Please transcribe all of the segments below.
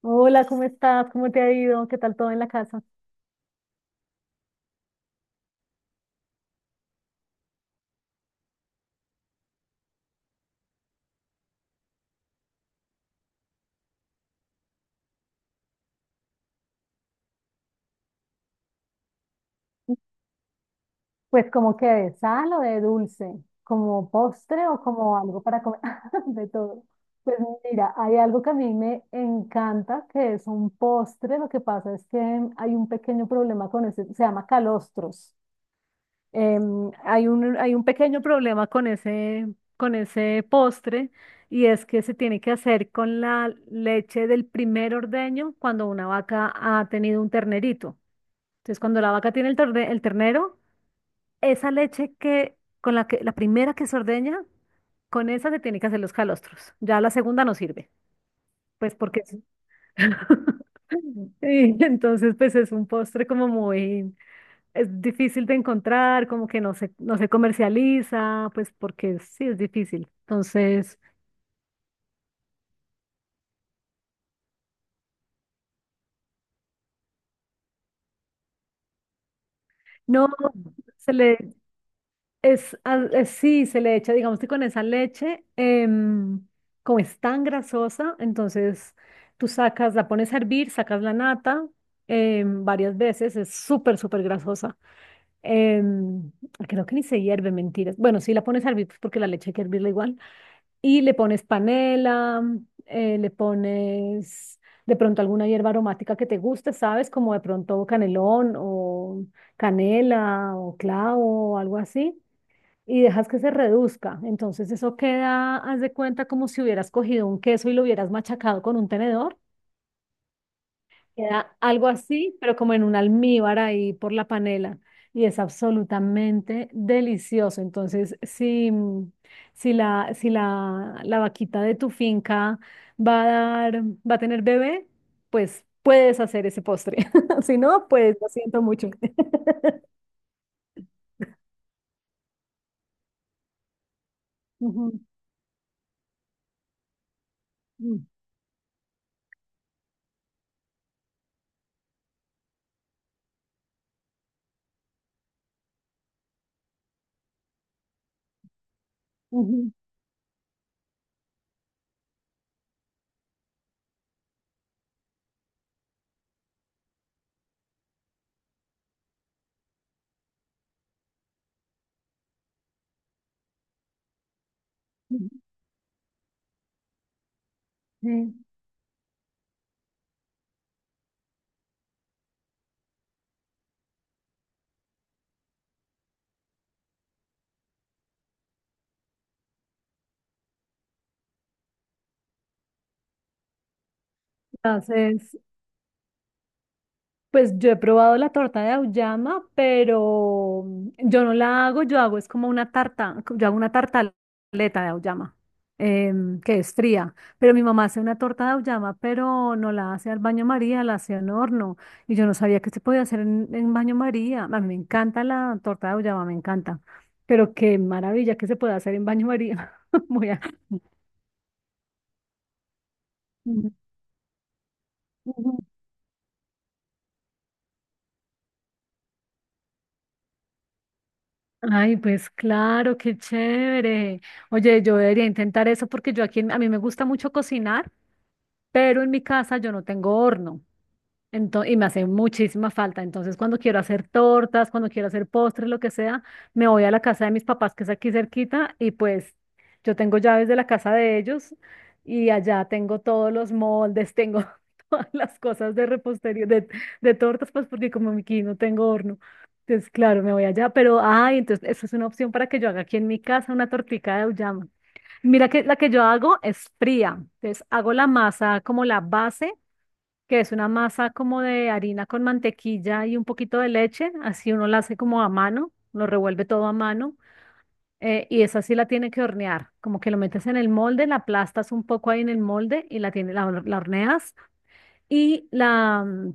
Hola, ¿cómo estás? ¿Cómo te ha ido? ¿Qué tal todo en la casa? Pues como que de sal o de dulce, como postre o como algo para comer, de todo. Pues mira, hay algo que a mí me encanta, que es un postre. Lo que pasa es que hay un pequeño problema con ese, se llama calostros. Hay un pequeño problema con ese postre y es que se tiene que hacer con la leche del primer ordeño cuando una vaca ha tenido un ternerito. Entonces, cuando la vaca tiene el ternero, esa leche la primera que se ordeña, con esa se tiene que hacer los calostros. Ya la segunda no sirve, pues y entonces, pues es un postre como muy, es difícil de encontrar, como que no se comercializa, pues porque sí es difícil. Entonces, no, se le, Es, sí, se le echa, digamos que con esa leche, como es tan grasosa, entonces tú sacas, la pones a hervir, sacas la nata varias veces, es súper, súper grasosa. Em, creo que ni se hierve, mentiras. Bueno, sí, la pones a hervir pues, porque la leche hay que hervirla igual. Y le pones panela, le pones de pronto alguna hierba aromática que te guste, ¿sabes? Como de pronto canelón o canela o clavo o algo así y dejas que se reduzca. Entonces eso queda, haz de cuenta, como si hubieras cogido un queso y lo hubieras machacado con un tenedor. Queda algo así, pero como en un almíbar ahí por la panela. Y es absolutamente delicioso. Entonces, si la, la vaquita de tu finca va a dar, va a tener bebé, pues puedes hacer ese postre. Si no, pues lo siento mucho. Ujú, ujú, ujú, ujú. Sí. Entonces, pues yo he probado la torta de auyama, pero yo no la hago, yo hago es como una tarta, yo hago una tartaleta de auyama, que es fría, pero mi mamá hace una torta de auyama, pero no la hace al baño María, la hace en horno, y yo no sabía que se podía hacer en baño María. A mí me encanta la torta de auyama, me encanta, pero qué maravilla que se puede hacer en baño María. Muy a- Ujú. Ay, pues claro, qué chévere. Oye, yo debería intentar eso porque yo aquí, en- a mí me gusta mucho cocinar, pero en mi casa yo no tengo horno. Ento- y me hace muchísima falta. Entonces, cuando quiero hacer tortas, cuando quiero hacer postres, lo que sea, me voy a la casa de mis papás, que es aquí cerquita, y pues yo tengo llaves de la casa de ellos y allá tengo todos los moldes, tengo todas las cosas de repostería, de tortas, pues porque como aquí no tengo horno. Entonces, claro, me voy allá, pero, ay, entonces, eso es una opción para que yo haga aquí en mi casa una tortica de auyama. Mira que la que yo hago es fría, entonces hago la masa como la base que es una masa como de harina con mantequilla y un poquito de leche, así uno la hace como a mano, lo revuelve todo a mano, y esa sí la tiene que hornear, como que lo metes en el molde, la aplastas un poco ahí en el molde y la horneas y la, mm,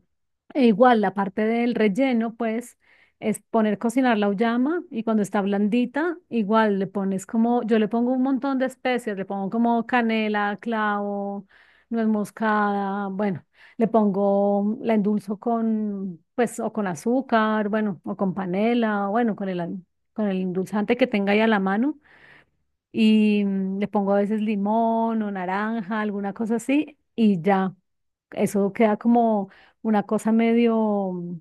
e igual la parte del relleno, pues, es poner cocinar la uyama y cuando está blandita, igual le pones como, yo le pongo un montón de especias, le pongo como canela, clavo, nuez moscada, bueno, le pongo, la endulzo con, pues, o con azúcar, bueno, o con panela, o bueno, con el endulzante que tenga ahí a la mano y le pongo a veces limón o naranja, alguna cosa así, y ya. Eso queda como una cosa medio,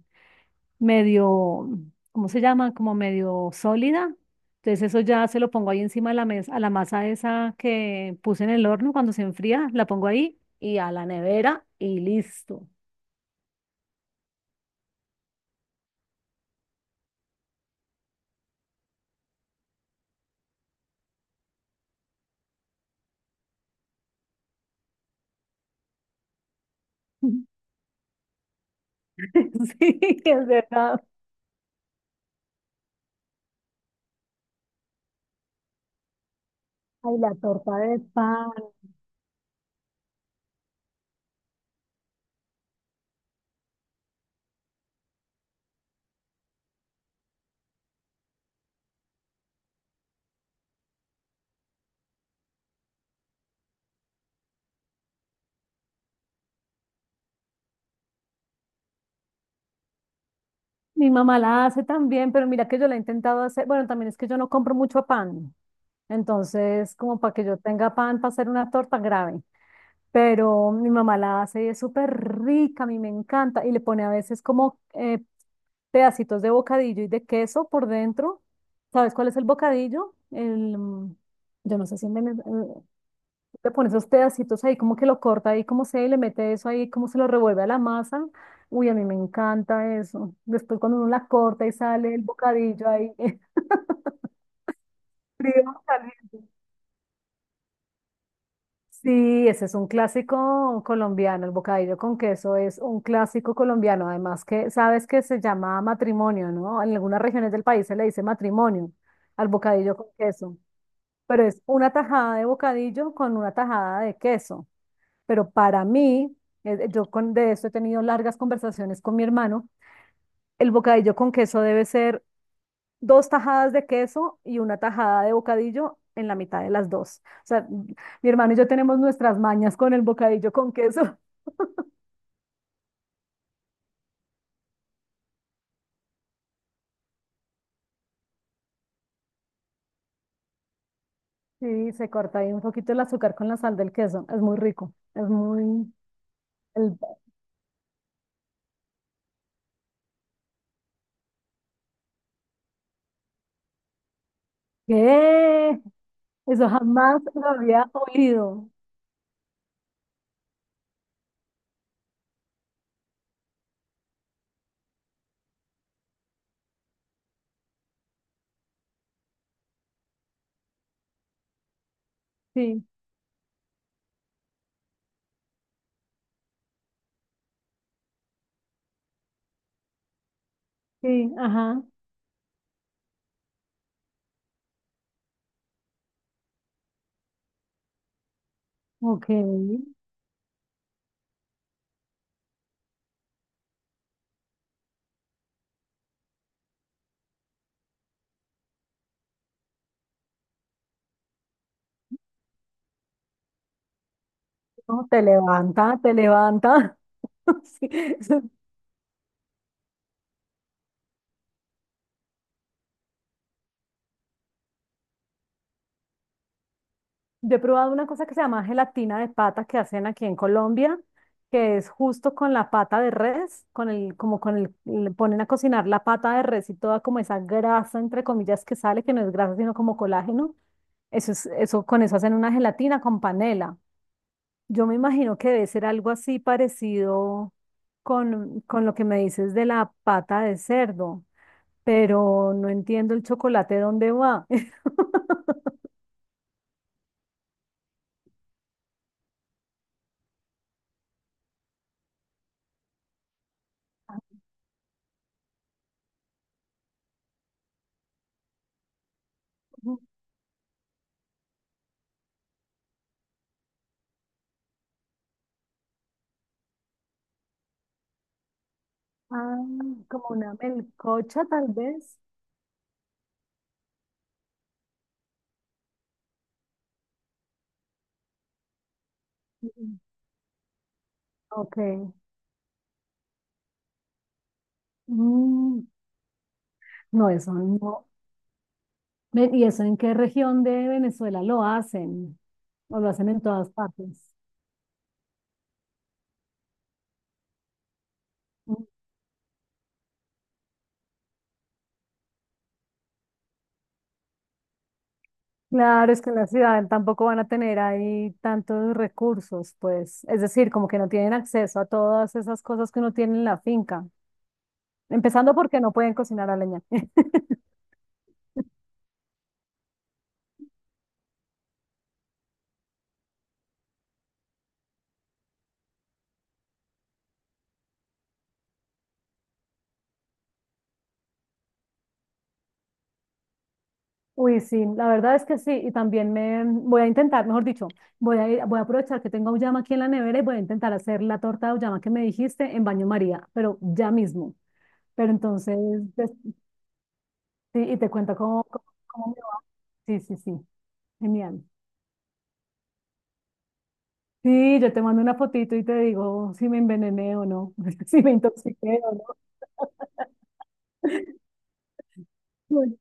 medio, ¿cómo se llama? Como medio sólida. Entonces eso ya se lo pongo ahí encima de la mesa, a la masa esa que puse en el horno cuando se enfría, la pongo ahí y a la nevera y listo. Sí, es verdad. Ay, la torta de pan. Mi mamá la hace también, pero mira que yo la he intentado hacer. Bueno, también es que yo no compro mucho pan. Entonces, como para que yo tenga pan para hacer una torta grave. Pero mi mamá la hace y es súper rica, a mí me encanta, y le pone a veces como pedacitos de bocadillo y de queso por dentro. ¿Sabes cuál es el bocadillo? Yo no sé si en Venez- le pone esos pedacitos ahí, como que lo corta ahí, como sea, y le mete eso ahí, como se lo revuelve a la masa. Uy, a mí me encanta eso. Después cuando uno la corta y sale el bocadillo ahí, frío, caliente. Sí, ese es un clásico colombiano, el bocadillo con queso es un clásico colombiano, además que sabes que se llama matrimonio, ¿no? En algunas regiones del país se le dice matrimonio al bocadillo con queso, pero es una tajada de bocadillo con una tajada de queso. Pero para mí, de esto he tenido largas conversaciones con mi hermano, el bocadillo con queso debe ser dos tajadas de queso y una tajada de bocadillo en la mitad de las dos. O sea, mi hermano y yo tenemos nuestras mañas con el bocadillo con queso. Sí, se corta ahí un poquito el azúcar con la sal del queso. Es muy rico. Es muy... El... ¿Qué? Eso jamás lo había oído. Sí, sí, ajá. Ok. No, te levanta, te levanta. Sí. Yo he probado una cosa que se llama gelatina de pata que hacen aquí en Colombia, que es justo con la pata de res, como con el, le ponen a cocinar la pata de res y toda como esa grasa, entre comillas, que sale, que no es grasa, sino como colágeno. Eso es, eso, con eso hacen una gelatina con panela. Yo me imagino que debe ser algo así parecido con lo que me dices de la pata de cerdo, pero no entiendo el chocolate dónde va. Ah, como una melcocha, tal vez. Mm. Ok. Mm, no, eso no. Ven, ¿y eso en qué región de Venezuela lo hacen? ¿O lo hacen en todas partes? Mm, claro, es que en la ciudad tampoco van a tener ahí tantos recursos, pues, es decir, como que no tienen acceso a todas esas cosas que uno tiene en la finca, empezando porque no pueden cocinar a leña. Uy, sí, la verdad es que sí, y también me voy a intentar, mejor dicho, voy a aprovechar que tengo auyama aquí en la nevera y voy a intentar hacer la torta de auyama que me dijiste en baño María, pero ya mismo. Pero entonces, des- sí, y te cuento cómo me va. Sí, sí, sí, genial. Sí, yo te mando una fotito y te digo si me envenené o no, si me intoxiqué o no. Bueno,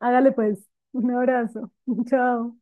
hágale pues, un abrazo, chao.